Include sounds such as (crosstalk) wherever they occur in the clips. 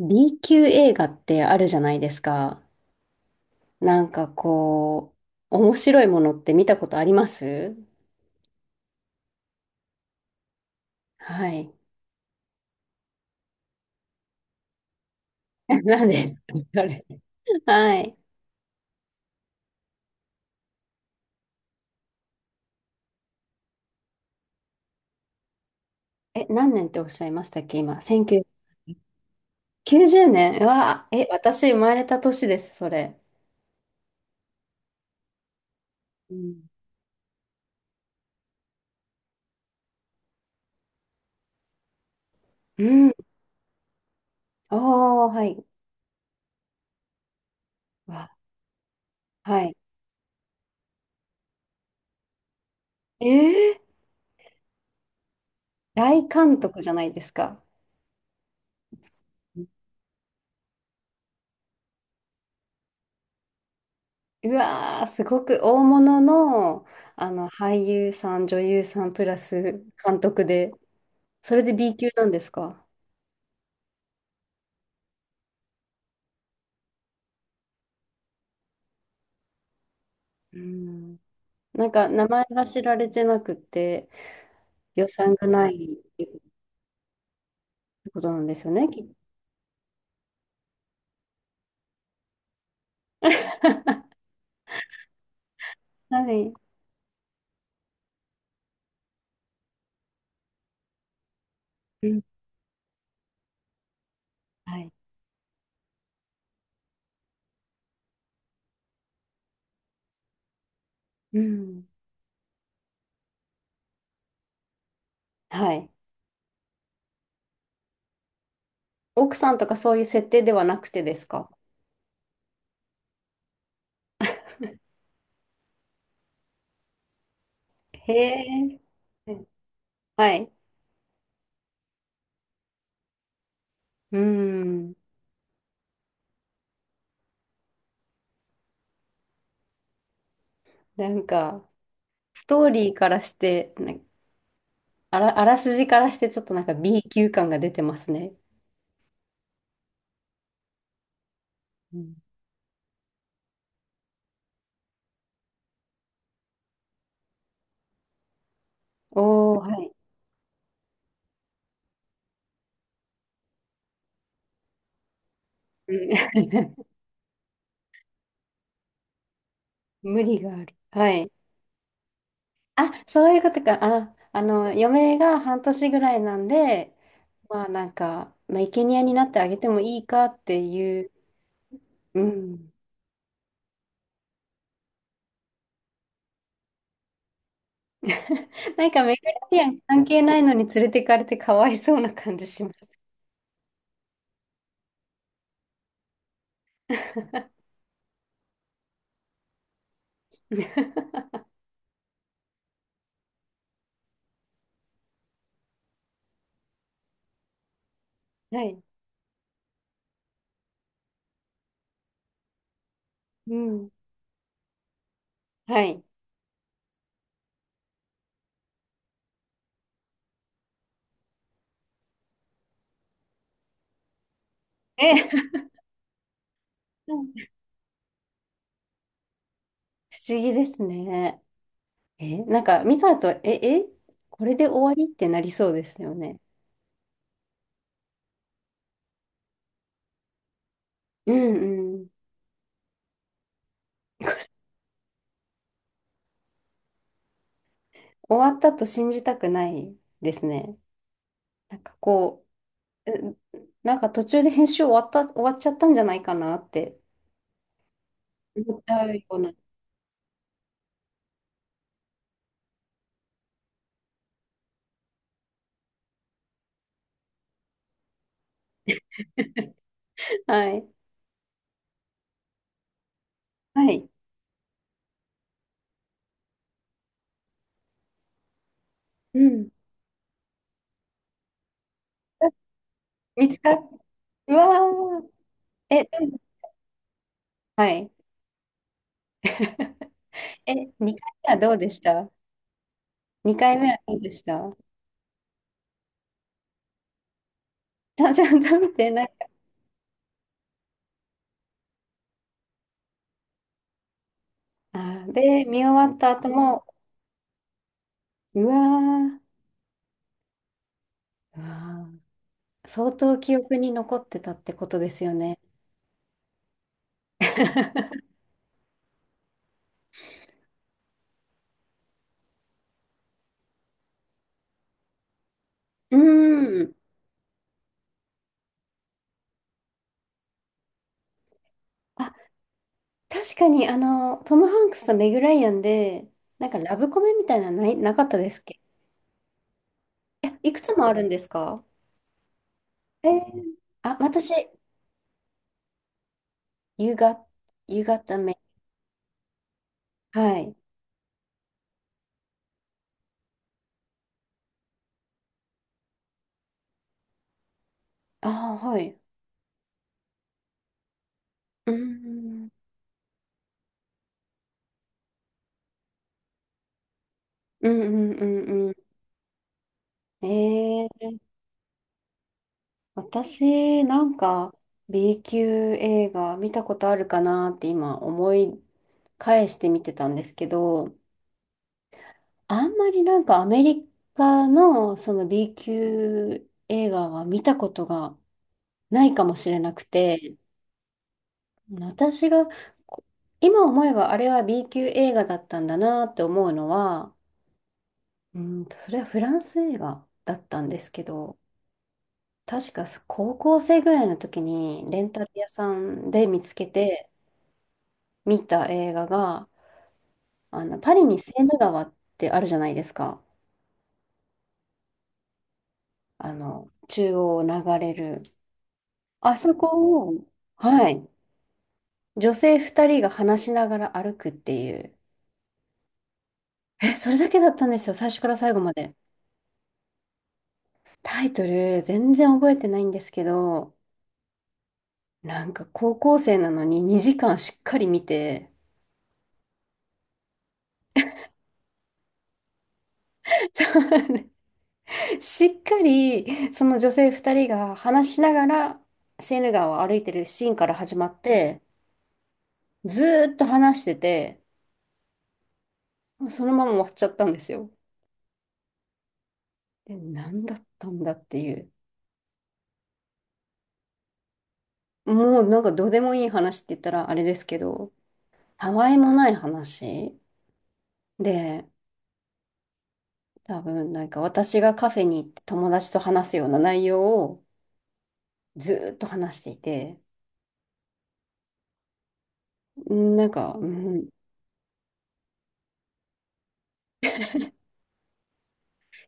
B 級映画ってあるじゃないですか。なんかこ面白いものって見たことあります？はい。(laughs) 何ですかあれ。はい。え、何年っておっしゃいましたっけ今。1990年。うわ、え、私生まれた年です、それ。うん。うん。おー、はい。うわ、はい。えー、大監督じゃないですか。うわー、すごく大物の、あの俳優さん、女優さんプラス監督で、それで B 級なんですか？うん。なんか名前が知られてなくて、予算がないってことなんですよね、きっと。(laughs) はい。うん。はい。うん。はい。奥さんとかそういう設定ではなくてですか？へえ。はい。うん。なんか、ストーリーからして、あらすじからしてちょっとなんか B 級感が出てますね。うん。おー、はい。うん。 (laughs) 無理がある。はい。あ、そういうことか。あ、あの、嫁が半年ぐらいなんで、生贄になってあげてもいいかっていう、うん。(laughs) なんか、メガリアン関係ないのに連れてかれてかわいそうな感じします。(laughs) はい。うん。はい。え、(laughs) 不思議ですね。え、なんか、ミサと、え、これで終わりってなりそうですよね。うんうん。終わったと信じたくないですね。なんかこう、え、なんか途中で編集終わった、終わっちゃったんじゃないかなって思っちゃうような。はい。はい。うん。見つかっ、うわー。え、どう？はい。(laughs) え、2回目はどうでした？ 2 回目はどうでした？ちゃんと見てない。あー、で、見終わった後も、うわー、うわー、相当記憶に残ってたってことですよね。(laughs) うーん。あ、確かに、あの、トム・ハンクスとメグ・ライアンで、なんかラブコメみたいなのない、なかったですっけ？いや、いくつもあるんですか？えー、あ、私、You got, You got the mail. はい。ああ、はい。うん、うんうんうんうん。えー、私、なんか、B 級映画見たことあるかなって今思い返して見てたんですけど、あんまりなんかアメリカのその B 級映画は見たことがないかもしれなくて、私がこ今思えばあれは B 級映画だったんだなって思うのは、うーんと、それはフランス映画だったんですけど、確か高校生ぐらいの時にレンタル屋さんで見つけて見た映画が、あのパリにセーヌ川ってあるじゃないですか。あの、中央を流れる。あそこを、はい、女性2人が話しながら歩くっていう、え、それだけだったんですよ、最初から最後まで。タイトル、全然覚えてないんですけど、なんか高校生なのに2時間しっかり見て、(laughs) しっかりその女性2人が話しながらセーヌ川を歩いてるシーンから始まって、ずーっと話してて、そのまま終わっちゃったんですよ。で、何だったんだっていう。もうなんかどうでもいい話って言ったらあれですけど、たわいもない話で、多分なんか私がカフェに行って友達と話すような内容をずーっと話していて、うんなんか、うん、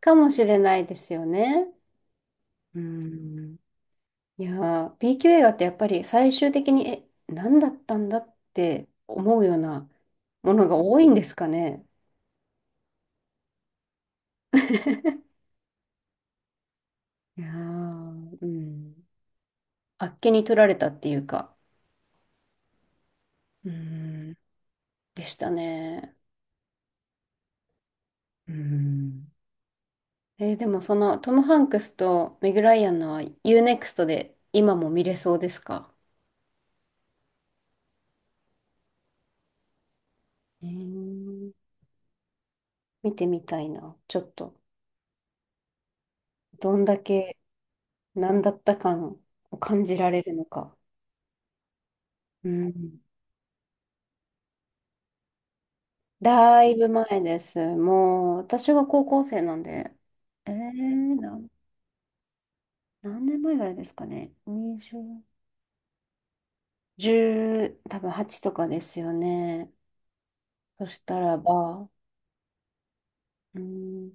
かもしれないですよね。うん、いやー、B q 映画ってやっぱり最終的に、え、何だったんだって思うようなものが多いんですかね。いやー、うん、あっけに取られたっていうか、うん、でしたね。うん。えー、でもそのトム・ハンクスとメグ・ライアンのは u ネクストで今も見れそうですか？えー、見てみたいな。ちょっと、どんだけ何だった感を感じられるのか。うん。だいぶ前です。もう、私が高校生なんで、えー、なん、何年前ぐらいですかね。20、1多分8とかですよね。そしたらば、うん、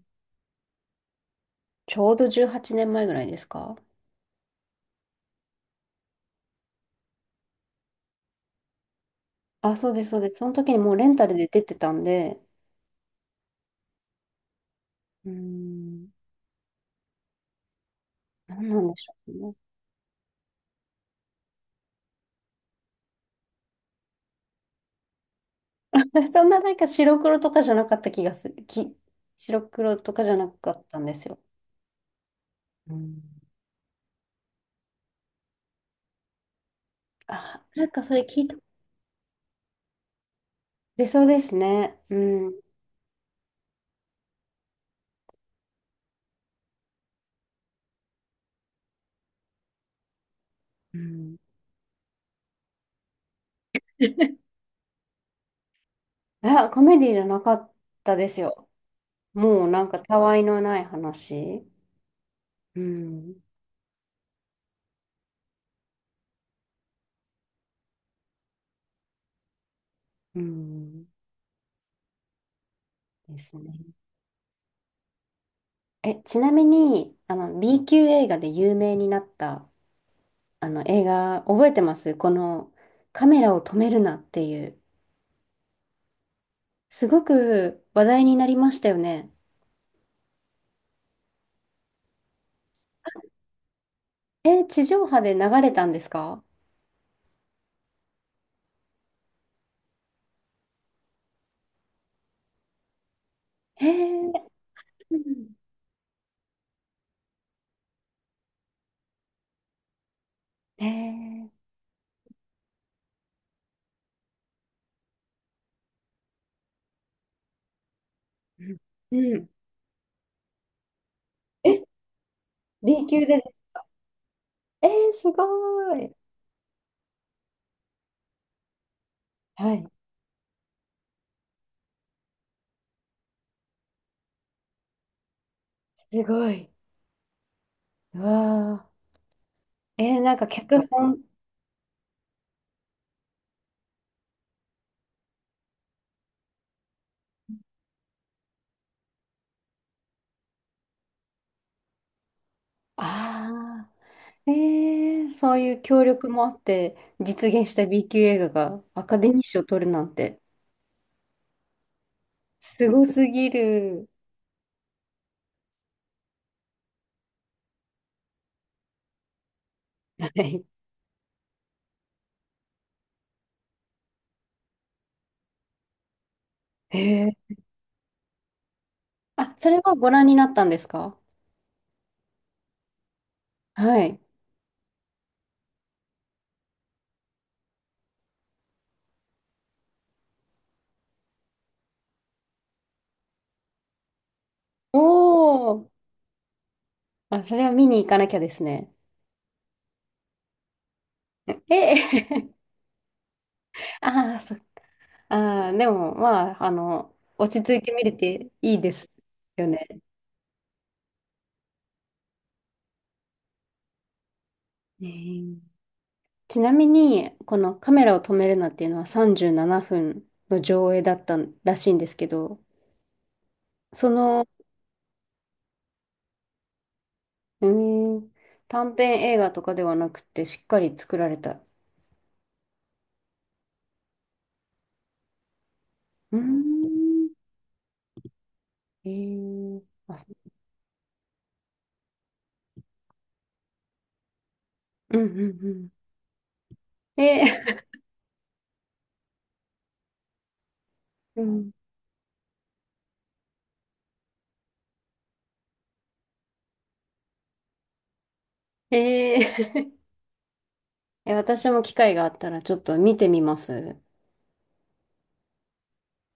ちょうど18年前ぐらいですか？あ、そうです、そうです。その時にもうレンタルで出てたんで、うーん、何なんでしょうね。(laughs) そんななんか白黒とかじゃなかった気がする。白黒とかじゃなかったんですよ。うん、あ、なんかそれ聞いた。出そうですね。うん。うん。あ、コメディじゃなかったですよ。もうなんかたわいのない話。うん。うん。ですね。え、ちなみに、あの、B 級映画で有名になったあの映画覚えてます？このカメラを止めるなっていう。すごく話題になりましたよね。えー、地上波で流れたんですか？へえ、うん、へー、うん。え、B 級で。えー、すごい。はい、すごい。うわー。えー、なんか脚本。ああ。えー、そういう協力もあって実現した B 級映画がアカデミー賞を取るなんて、すごすぎる。(laughs) はい。へ、あ、それはご覧になったんですか？はい。おー。あ、それは見に行かなきゃですね。ええ、(laughs) ああ、そっか、ああ、でも、まあ、あの、落ち着いて見れていいですよね。ねえ、ちなみに、このカメラを止めるなっていうのは37分の上映だったらしいんですけど、その、うーん、短編映画とかではなくて、しっかり作られた。うーん、えー、あ、そう、うんうんうん。え、(laughs) うん、えー。 (laughs) え、私も機会があったらちょっと見てみます。